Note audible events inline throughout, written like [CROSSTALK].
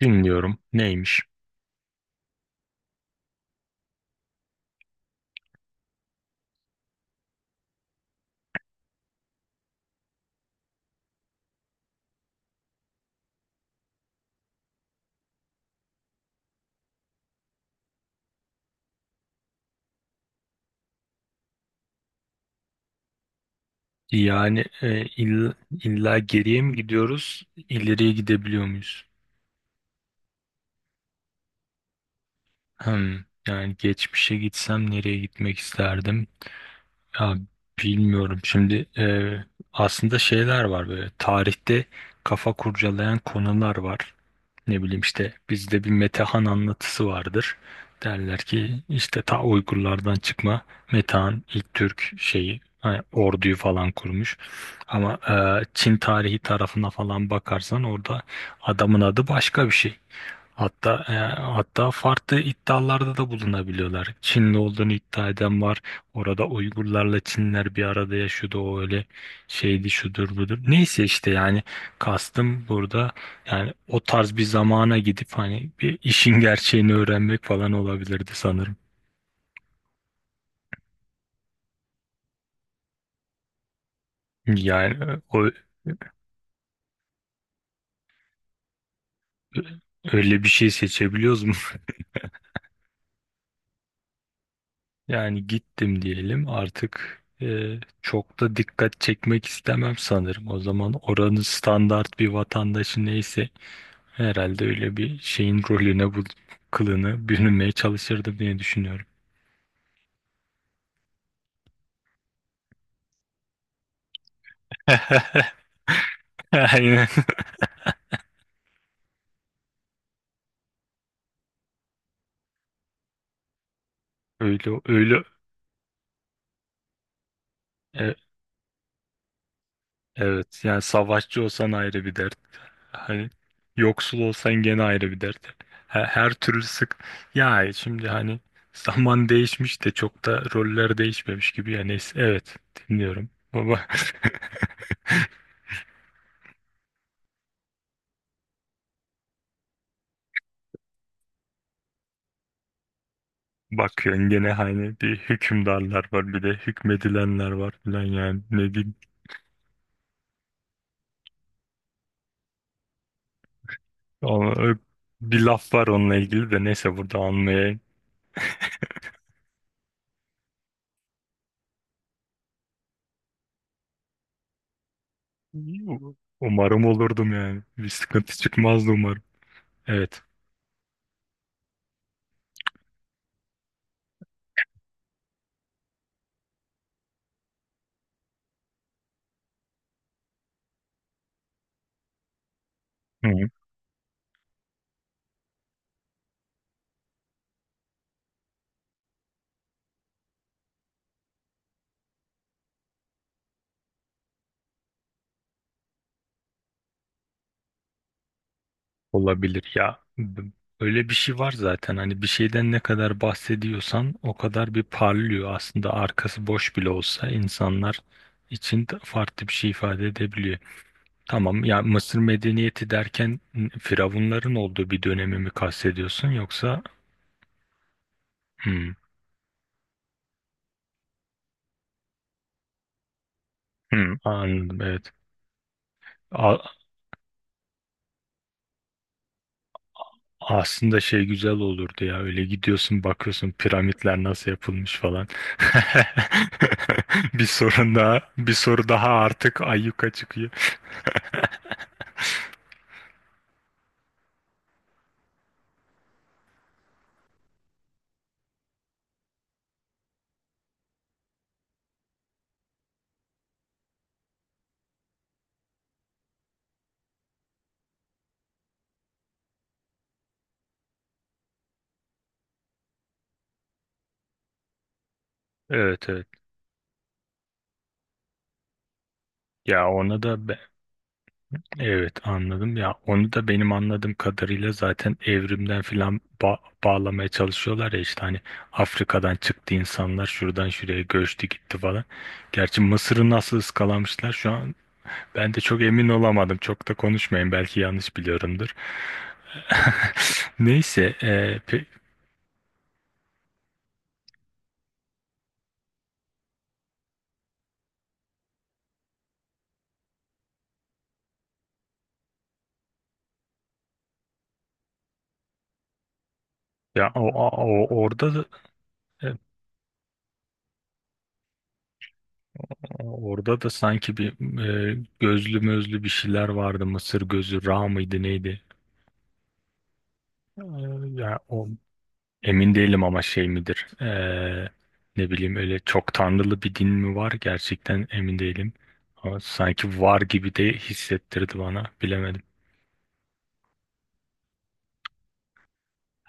Dinliyorum. Neymiş? Yani illa geriye mi gidiyoruz, ileriye gidebiliyor muyuz? Hmm, Yani geçmişe gitsem nereye gitmek isterdim? Ya bilmiyorum. Şimdi aslında şeyler var böyle. Tarihte kafa kurcalayan konular var. Ne bileyim işte bizde bir Metehan anlatısı vardır. Derler ki işte ta Uygurlardan çıkma Metehan ilk Türk şeyi hani orduyu falan kurmuş. Ama Çin tarihi tarafına falan bakarsan orada adamın adı başka bir şey. Hatta e, hatta farklı iddialarda da bulunabiliyorlar. Çinli olduğunu iddia eden var. Orada Uygurlarla Çinler bir arada yaşıyordu. O öyle şeydi, şudur budur. Neyse işte, yani kastım burada, yani o tarz bir zamana gidip hani bir işin gerçeğini öğrenmek falan olabilirdi sanırım. Yani o öyle bir şey seçebiliyoruz mu? Yani gittim diyelim artık, çok da dikkat çekmek istemem sanırım. O zaman oranın standart bir vatandaşı neyse herhalde öyle bir şeyin rolüne bu kılını bürünmeye çalışırdım diye düşünüyorum. [LAUGHS] Aynen, öyle öyle. e, Evet, yani savaşçı olsan ayrı bir dert. Hani yoksul olsan gene ayrı bir dert. Her türlü sık. Ya şimdi hani zaman [LAUGHS] değişmiş de çok da roller değişmemiş gibi. Yani neyse, evet, dinliyorum. Baba. [LAUGHS] Bakıyorsun gene hani bir hükümdarlar var bir de hükmedilenler var falan, yani ne diyeyim. Ama bir laf var onunla ilgili de, neyse burada anmaya, umarım olurdum yani. Bir sıkıntı çıkmazdı umarım. Evet. Olabilir ya. Öyle bir şey var zaten. Hani bir şeyden ne kadar bahsediyorsan o kadar bir parlıyor. Aslında arkası boş bile olsa insanlar için de farklı bir şey ifade edebiliyor. Tamam ya, Mısır medeniyeti derken firavunların olduğu bir dönemi mi kastediyorsun yoksa? Hmm, hmm, anladım, evet. A- Aslında şey güzel olurdu ya, öyle gidiyorsun bakıyorsun piramitler nasıl yapılmış falan. [LAUGHS] Bir sorun daha, bir soru daha artık ayyuka çıkıyor. [LAUGHS] Evet, evet. Ya ona da evet, anladım ya, onu da benim anladığım kadarıyla zaten evrimden filan bağlamaya çalışıyorlar ya, işte hani Afrika'dan çıktı insanlar, şuradan şuraya göçtü gitti falan. Gerçi Mısır'ı nasıl ıskalamışlar şu an ben de çok emin olamadım. Çok da konuşmayın, belki yanlış biliyorumdur. [LAUGHS] Neyse, ya o, orada da e, orada da sanki bir gözlü mözlü bir şeyler vardı. Mısır gözü Ra mıydı neydi? E, Ya o emin değilim ama, şey midir? Ne bileyim, öyle çok tanrılı bir din mi var? Gerçekten emin değilim. Ama sanki var gibi de hissettirdi bana. Bilemedim.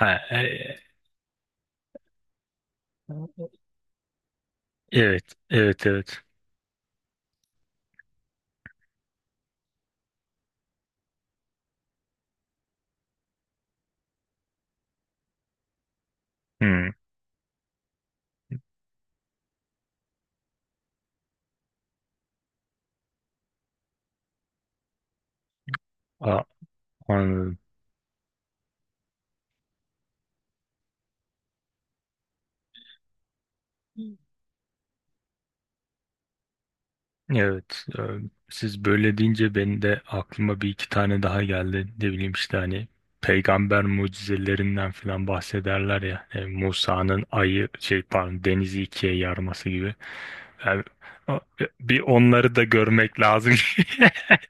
Ha, evet, evet, evet. Hmm, a- anladım. Evet, siz böyle deyince benim de aklıma bir iki tane daha geldi. Ne bileyim işte, hani peygamber mucizelerinden falan bahsederler ya. Musa'nın ayı, şey pardon, denizi ikiye yarması gibi. Yani, a- bir onları da görmek lazım. [LAUGHS]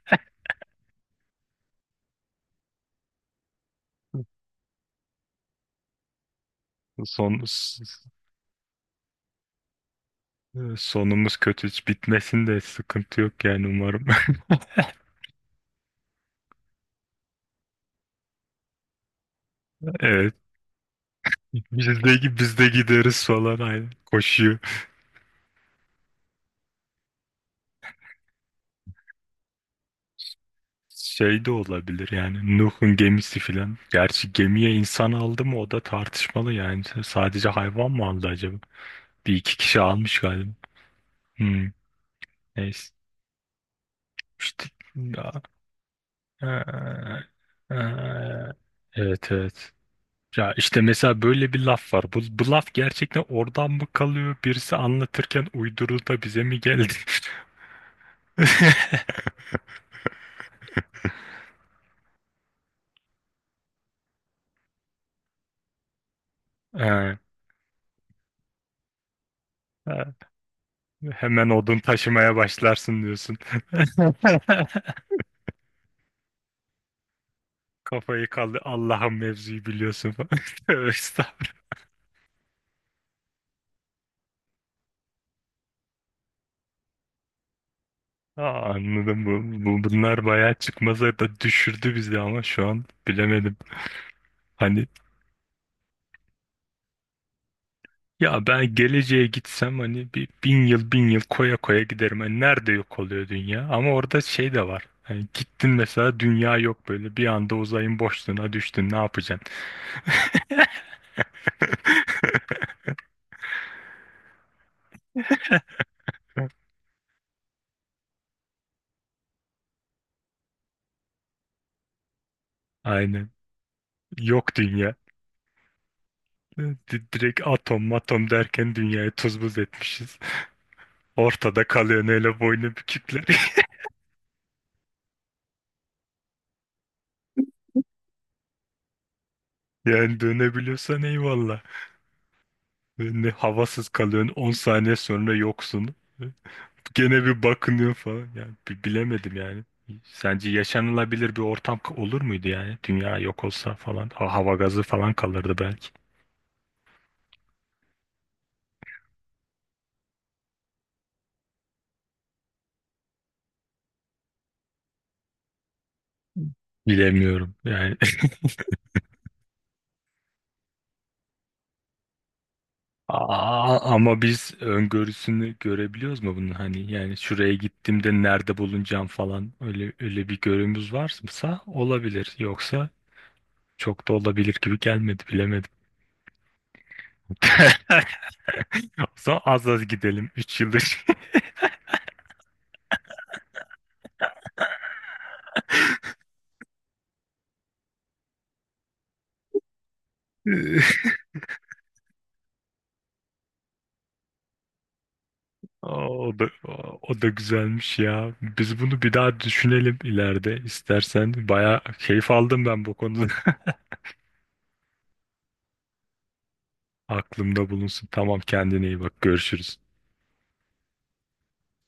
Son, sonumuz kötü hiç bitmesin de sıkıntı yok yani, umarım. [LAUGHS] Evet. Biz de gideriz falan, aynen. Koşuyor. Şey de olabilir yani, Nuh'un gemisi filan. Gerçi gemiye insan aldı mı, o da tartışmalı yani. Sadece hayvan mı aldı acaba? Bir iki kişi almış galiba. Hmm, Neyse. İşte, ya, ee, ee, evet, evet. Ya işte mesela böyle bir laf var. Bu laf gerçekten oradan mı kalıyor? Birisi anlatırken uydurdu da bize mi geldi? [LAUGHS] Ee, ee, Hemen odun taşımaya başlarsın diyorsun. [LAUGHS] Kafayı kaldı Allah'ın, mevzuyu biliyorsun falan. [LAUGHS] Tövbe estağfurullah. Aa, anladım, bu, bu bunlar bayağı çıkmazlar da düşürdü bizi ama şu an bilemedim. Hani ya, ben geleceğe gitsem hani bir, 1000 yıl 1000 yıl koya koya giderim. Hani nerede yok oluyor dünya? Ama orada şey de var. Hani gittin mesela, dünya yok, böyle bir anda uzayın boşluğuna düştün, ne yapacaksın? [LAUGHS] Aynen. Yok dünya. Direkt atom matom derken dünyayı tuz buz etmişiz. Ortada kalıyorsun hele, boynu bükükler. [LAUGHS] Yani dönebiliyorsan eyvallah. Ne havasız kalıyorsun, 10 saniye sonra yoksun. Gene bir bakınıyor falan. Yani bilemedim yani. Sence yaşanılabilir bir ortam olur muydu yani? Dünya yok olsa falan. Hava gazı falan kalırdı belki. Bilemiyorum yani. [LAUGHS] Aa, ama biz öngörüsünü görebiliyoruz mu bunun, hani yani şuraya gittiğimde nerede bulunacağım falan, öyle öyle bir görümüz varsa olabilir, yoksa çok da olabilir gibi gelmedi, bilemedim. [LAUGHS] O zaman az az gidelim, 3 yıldır. [LAUGHS] O da, o da güzelmiş ya. Biz bunu bir daha düşünelim ileride istersen. Bayağı keyif aldım ben bu konuda. [LAUGHS] Aklımda bulunsun. Tamam, kendine iyi bak. Görüşürüz.